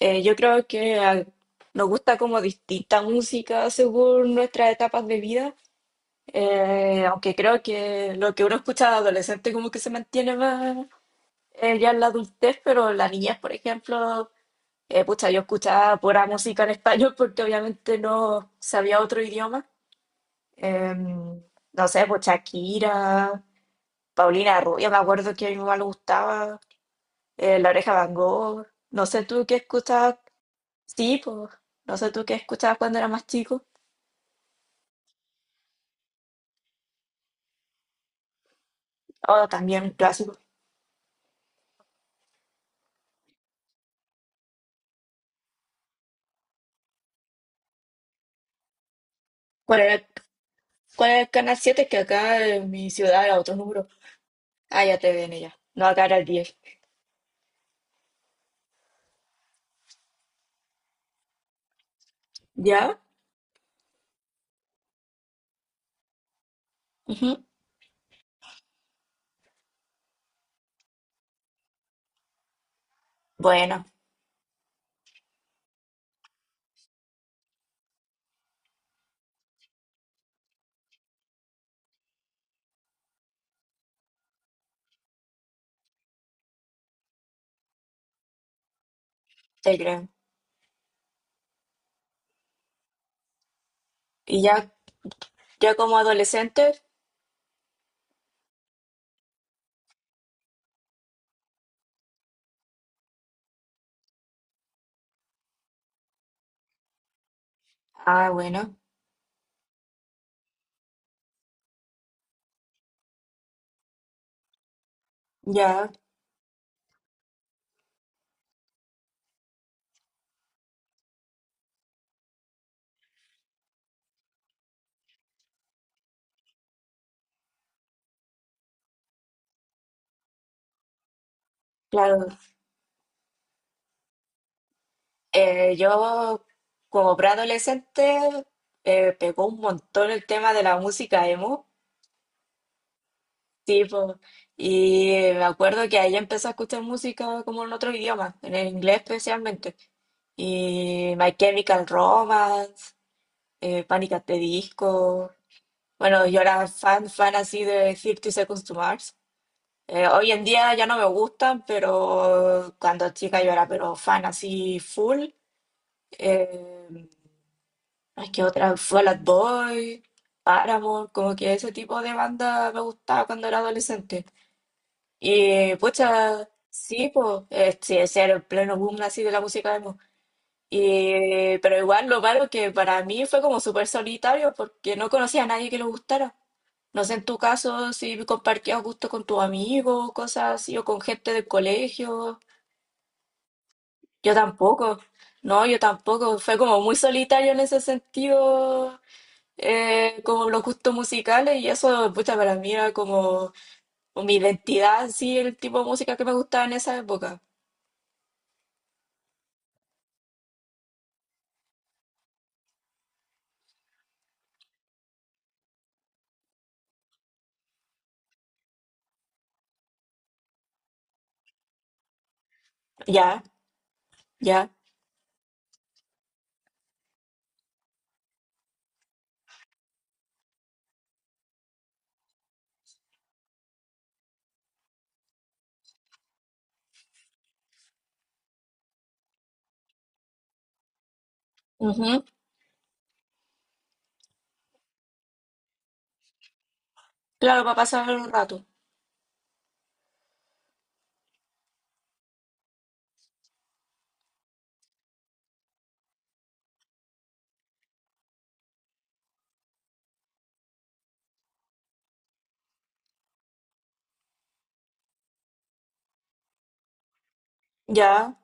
Yo creo que nos gusta como distinta música según nuestras etapas de vida, aunque creo que lo que uno escucha de adolescente como que se mantiene más ya en la adultez, pero en la niñez, por ejemplo, pucha, yo escuchaba pura música en español porque obviamente no sabía otro idioma. Em, no sé, pues Shakira, Paulina Rubio, me acuerdo que a mi mamá le gustaba, La Oreja Van Gogh, no sé tú qué escuchas. Sí, pues, no sé tú qué escuchabas cuando era más chico. Oh, también clásico. ¿Cuál era, cuál era el canal siete? Que acá en mi ciudad era otro número. Ah, ya te ven ya. No, acá era el diez. ¿Ya? Ujú. Bueno, te creo. Y ya, yo como adolescente, ah, bueno, ya, claro. Yo como preadolescente pegó un montón el tema de la música emo. Sí, po. Y me acuerdo que ahí empecé a escuchar música como en otro idioma, en el inglés especialmente. Y My Chemical Romance, Panic! At the Disco. Bueno, yo era fan, fan así de Thirty Seconds to Mars. Hoy en día ya no me gustan, pero cuando chica yo era pero fan así full. Eh, es que otra, Fall Out Boy, Paramore, como que ese tipo de banda me gustaba cuando era adolescente. Y pucha, sí, pues, sí, ese era el pleno boom así de la música emo. Y, pero igual lo malo que para mí fue como súper solitario porque no conocía a nadie que le gustara. No sé en tu caso si compartías gusto con tus amigos, cosas así, o con gente del colegio. Yo tampoco. No, yo tampoco. Fue como muy solitario en ese sentido, como los gustos musicales, y eso, pucha, para mí era como mi identidad, sí, el tipo de música que me gustaba en esa época. Ya, ya. Ujú. Claro, para pasar un rato. Ya.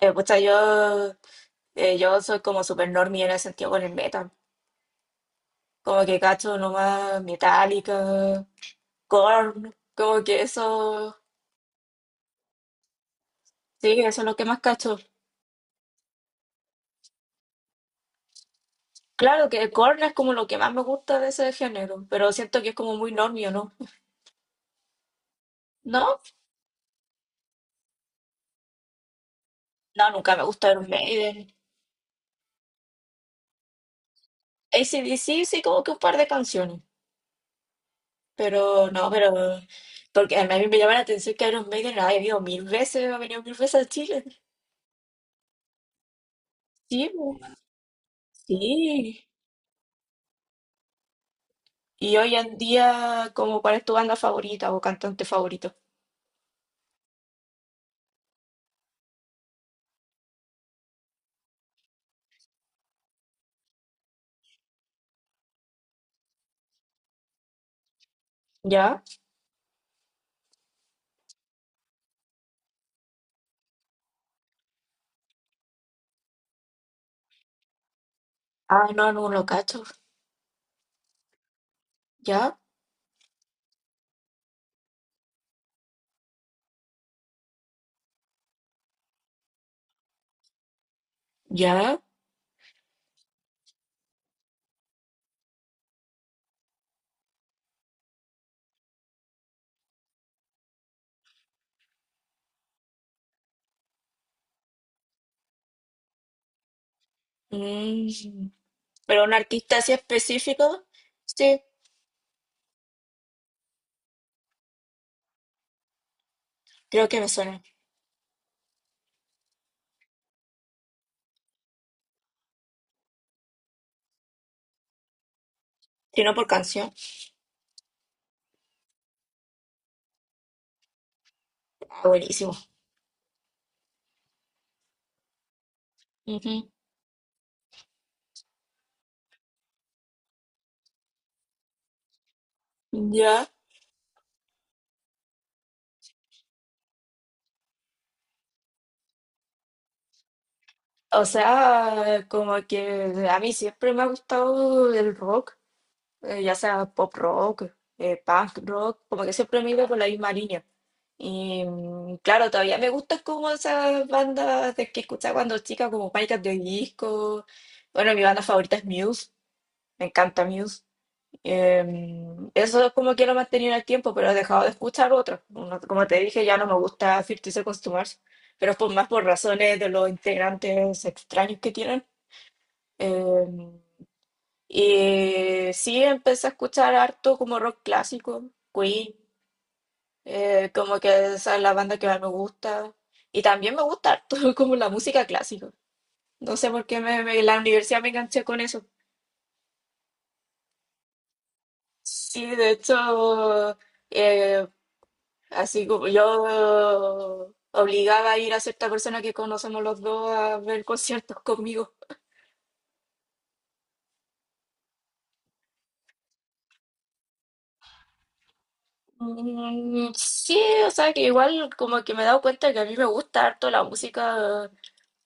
Pucha, yo, yo soy como super normie en el sentido con el metal. Como que cacho nomás Metallica, Korn, como que eso, sí, eso es lo que más cacho. Claro que Korn es como lo que más me gusta de ese género, pero siento que es como muy normio, ¿no? ¿No? No, nunca me gusta Iron Maiden. AC/DC sí, como que un par de canciones. Pero no, pero. Porque a mí me llama la atención que Iron Maiden la he venido mil veces, ha venido mil veces a Chile. Sí, po, sí. Y hoy en día, ¿como cuál es tu banda favorita o cantante favorito? ¿Ya? Ah, no, no lo cacho. ¿Ya? ¿Ya? Mm. Pero un artista así específico, sí, creo que me suena. Si no por canción. Ah, buenísimo. Ujú. Ya. O sea, como que a mí siempre me ha gustado el rock. Ya sea pop rock, punk rock, como que siempre me iba por la misma línea. Y mm, claro, todavía me gustan como esas bandas de que escuchaba cuando chica, como Panic! At the Disco. Bueno, mi banda favorita es Muse, me encanta Muse. Eso es como que lo he mantenido en el tiempo, pero he dejado de escuchar otros. No- Como te dije, ya no me gusta 50 Seconds to Mars, pero es por, más por razones de los integrantes extraños que tienen. Em, y sí, empecé a escuchar harto como rock clásico, Queen, como que esa es la banda que más me gusta. Y también me gusta harto como la música clásica. No sé por qué me, en la universidad me enganché con eso. Sí, de hecho, eh, así como yo obligaba a ir a cierta persona que conocemos los dos a ver conciertos conmigo. Mm, sí, o sea que igual como que me he dado cuenta que a mí me gusta harto la música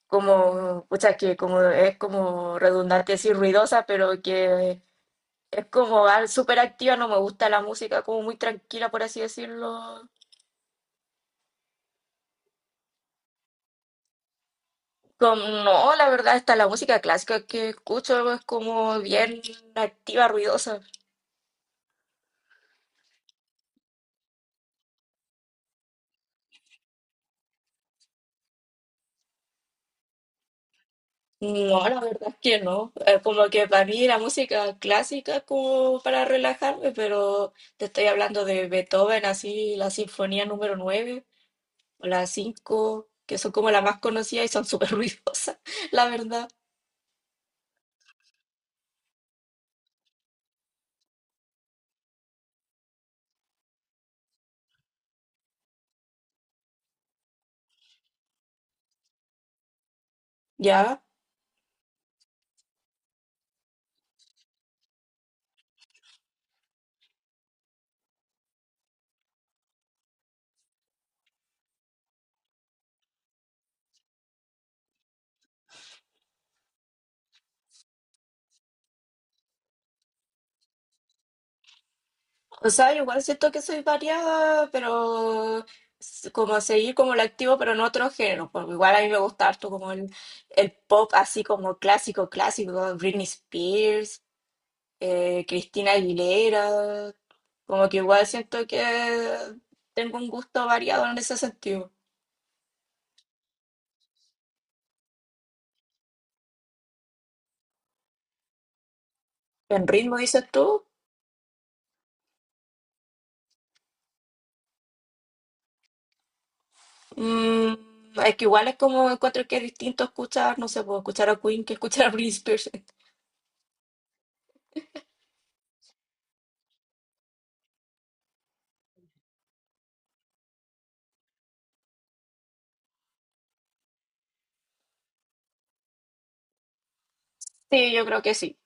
como, o sea, que como es como redundante decir ruidosa, pero que es como súper activa, no me gusta la música como muy tranquila, por así decirlo. Como, no, la verdad, está la música clásica que escucho es como bien activa, ruidosa. No, la verdad es que no. Como que para mí la música clásica es como para relajarme, pero te estoy hablando de Beethoven, así, la sinfonía número nueve, las cinco, que son como las más conocidas y son súper ruidosas, la verdad. Ya. O sea, yo igual siento que soy variada, pero como seguir como el activo, pero en otro género. Porque igual a mí me gusta harto como el pop así como clásico, clásico, Britney Spears, Cristina Aguilera. Como que igual siento que tengo un gusto variado en ese sentido. ¿En ritmo dices tú? Mm, es que igual es como encuentro que es distinto escuchar, no sé, puedo escuchar a Queen que escuchar a Britney Spears. Sí, yo creo que sí.